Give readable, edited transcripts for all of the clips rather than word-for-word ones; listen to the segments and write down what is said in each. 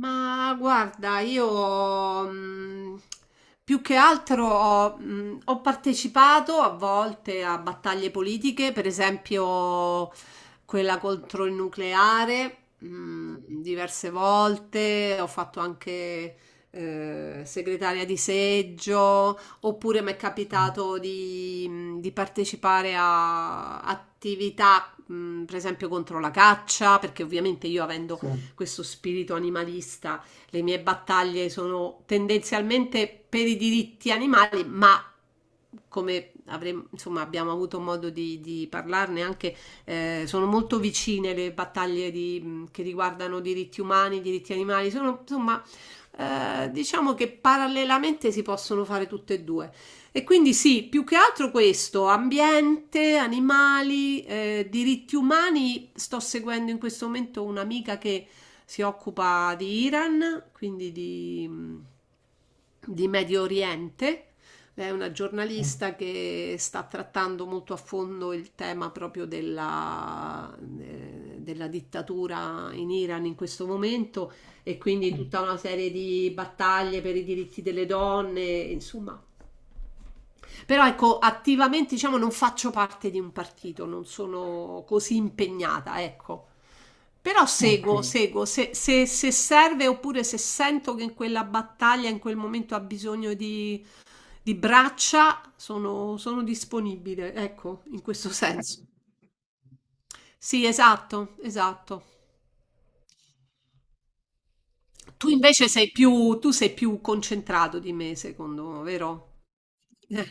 Ma guarda, io più che altro ho partecipato a volte a battaglie politiche, per esempio quella contro il nucleare, diverse volte, ho fatto anche segretaria di seggio, oppure mi è capitato di partecipare a attività, per esempio contro la caccia, perché ovviamente io avendo, sì, questo spirito animalista. Le mie battaglie sono tendenzialmente per i diritti animali, ma come avremo, insomma, abbiamo avuto modo di parlarne anche, sono molto vicine le battaglie che riguardano diritti umani, diritti animali, sono insomma, diciamo che parallelamente si possono fare tutte e due. E quindi sì, più che altro questo, ambiente, animali, diritti umani, sto seguendo in questo momento un'amica che si occupa di Iran, quindi di Medio Oriente. Lei è una giornalista che sta trattando molto a fondo il tema proprio della dittatura in Iran in questo momento e quindi tutta una serie di battaglie per i diritti delle donne, insomma, però ecco, attivamente diciamo non faccio parte di un partito, non sono così impegnata, ecco. Però seguo, ok, seguo, se serve oppure se sento che in quella battaglia, in quel momento ha bisogno di braccia, sono disponibile, ecco, in questo senso. Sì, esatto, esatto. Tu sei più concentrato di me, secondo me, vero? Eh.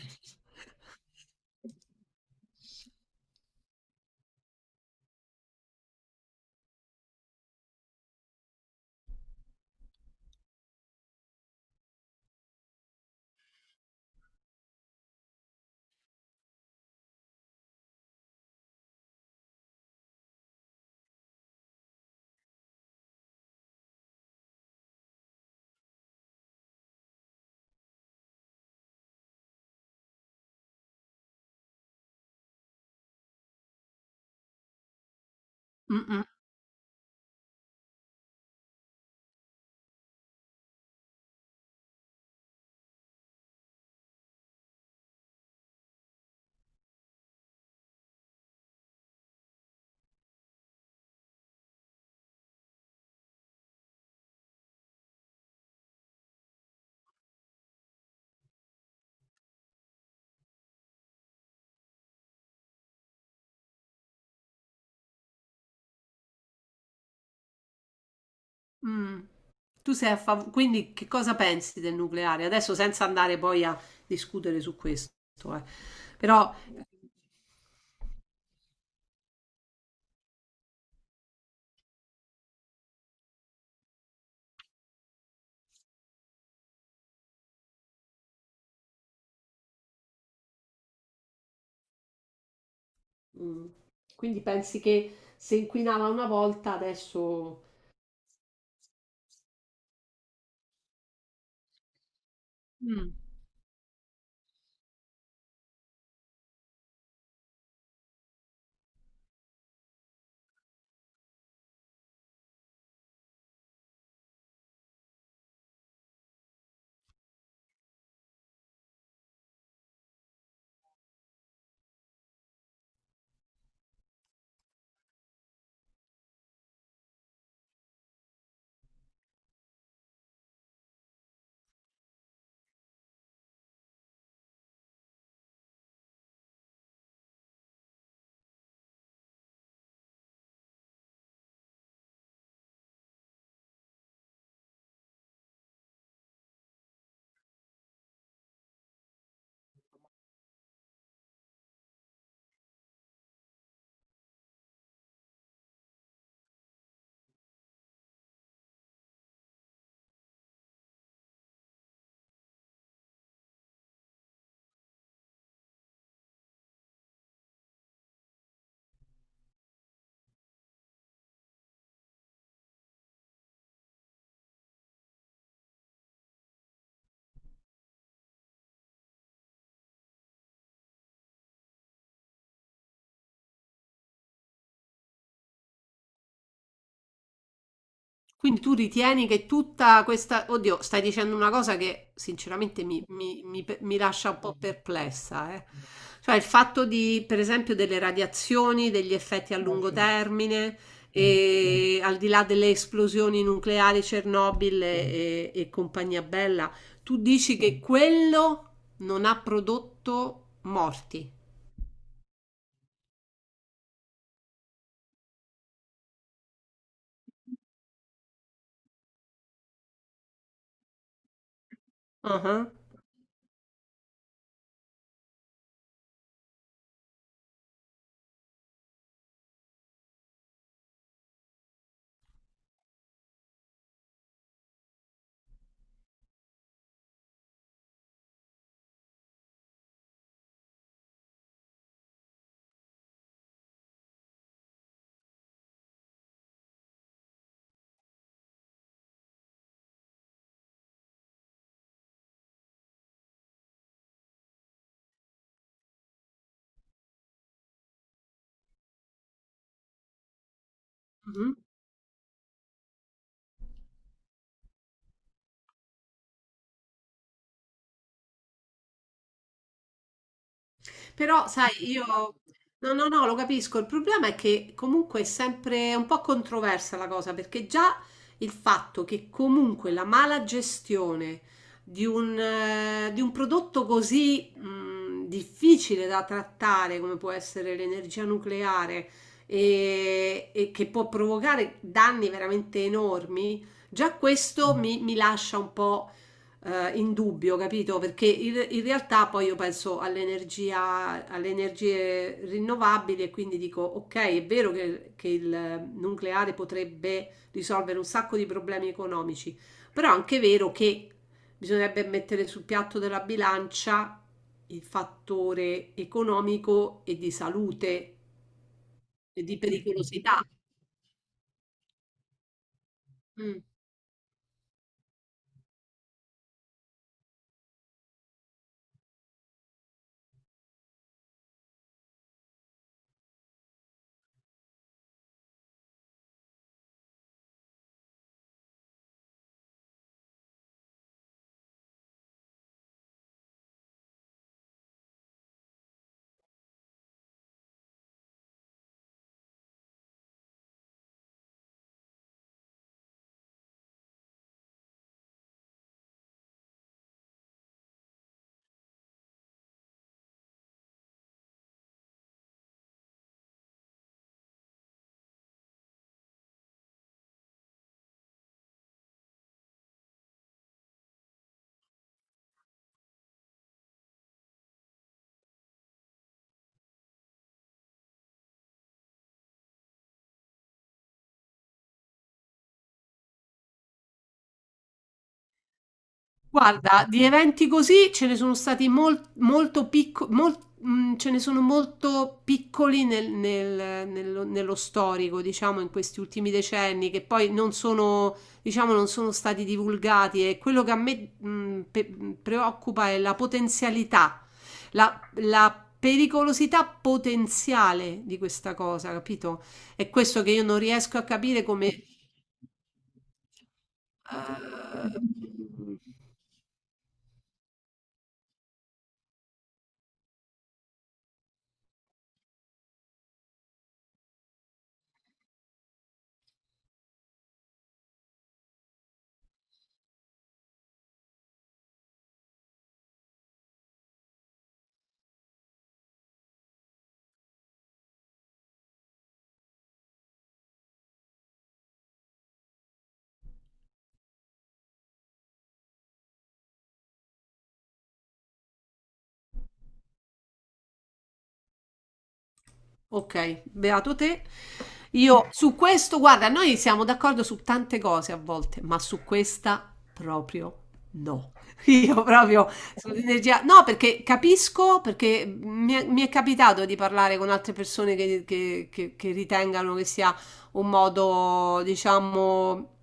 Mm, mm, mm. Tu sei a favore, quindi che cosa pensi del nucleare? Adesso senza andare poi a discutere su questo, eh. Però mm, quindi pensi che se inquinava una volta adesso. Mm. Quindi tu ritieni che tutta questa. Oddio, stai dicendo una cosa che sinceramente mi lascia un po' perplessa, eh. Cioè il fatto di, per esempio, delle radiazioni, degli effetti a lungo termine, e al di là delle esplosioni nucleari, Chernobyl e compagnia bella, tu dici che quello non ha prodotto morti. Ah, ah. Mhm. Però sai io no, no, no, lo capisco. Il problema è che comunque è sempre un po' controversa la cosa, perché già il fatto che comunque la mala gestione di un prodotto così difficile da trattare come può essere l'energia nucleare e che può provocare danni veramente enormi, già questo mi lascia un po' in dubbio, capito? Perché in realtà poi io penso all'energia, alle energie rinnovabili e quindi dico, ok, è vero che il nucleare potrebbe risolvere un sacco di problemi economici, però è anche vero che bisognerebbe mettere sul piatto della bilancia il fattore economico e di salute e di pericolosità. Mm. Guarda, di eventi così ce ne sono stati molto piccoli, ce ne sono molto piccoli nello storico, diciamo, in questi ultimi decenni, che poi non sono, diciamo, non sono stati divulgati. E quello che a me preoccupa è la potenzialità, la pericolosità potenziale di questa cosa, capito? È questo che io non riesco a capire come. Eh, ok, beato te. Io su questo, guarda, noi siamo d'accordo su tante cose a volte, ma su questa proprio no. Io proprio sull'energia, no, perché capisco, perché mi è capitato di parlare con altre persone che ritengano che sia un modo, diciamo,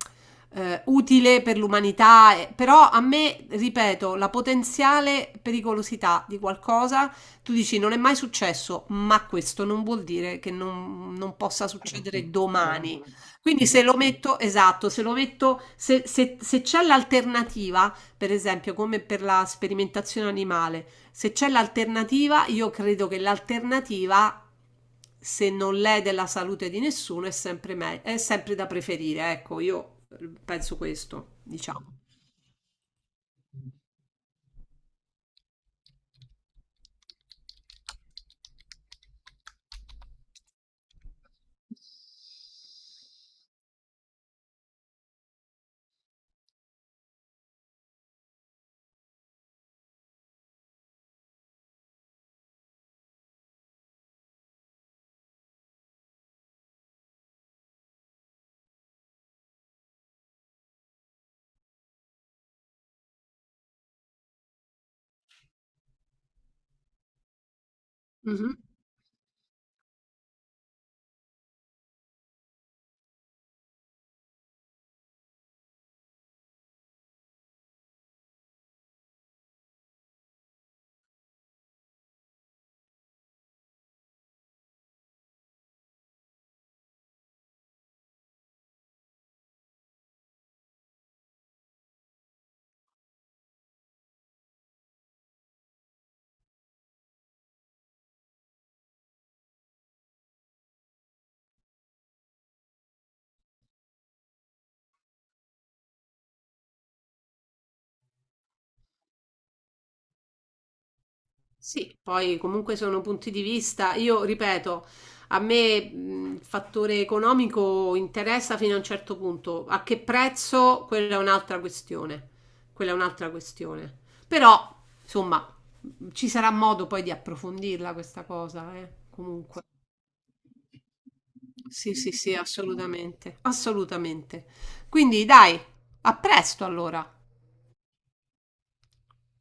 utile per l'umanità, però a me, ripeto, la potenziale pericolosità di qualcosa tu dici non è mai successo, ma questo non vuol dire che non possa succedere domani. Quindi se lo metto, esatto, se lo metto, se c'è l'alternativa, per esempio come per la sperimentazione animale, se c'è l'alternativa, io credo che l'alternativa, se non l'è della salute di nessuno, è sempre, è sempre da preferire. Ecco, io penso questo, diciamo. Mhm. Sì, poi comunque sono punti di vista. Io ripeto, a me il fattore economico interessa fino a un certo punto. A che prezzo? Quella è un'altra questione. Quella è un'altra questione. Però, insomma, ci sarà modo poi di approfondirla questa cosa, comunque. Sì, sì, sì, assolutamente. Assolutamente. Quindi, dai, a presto allora.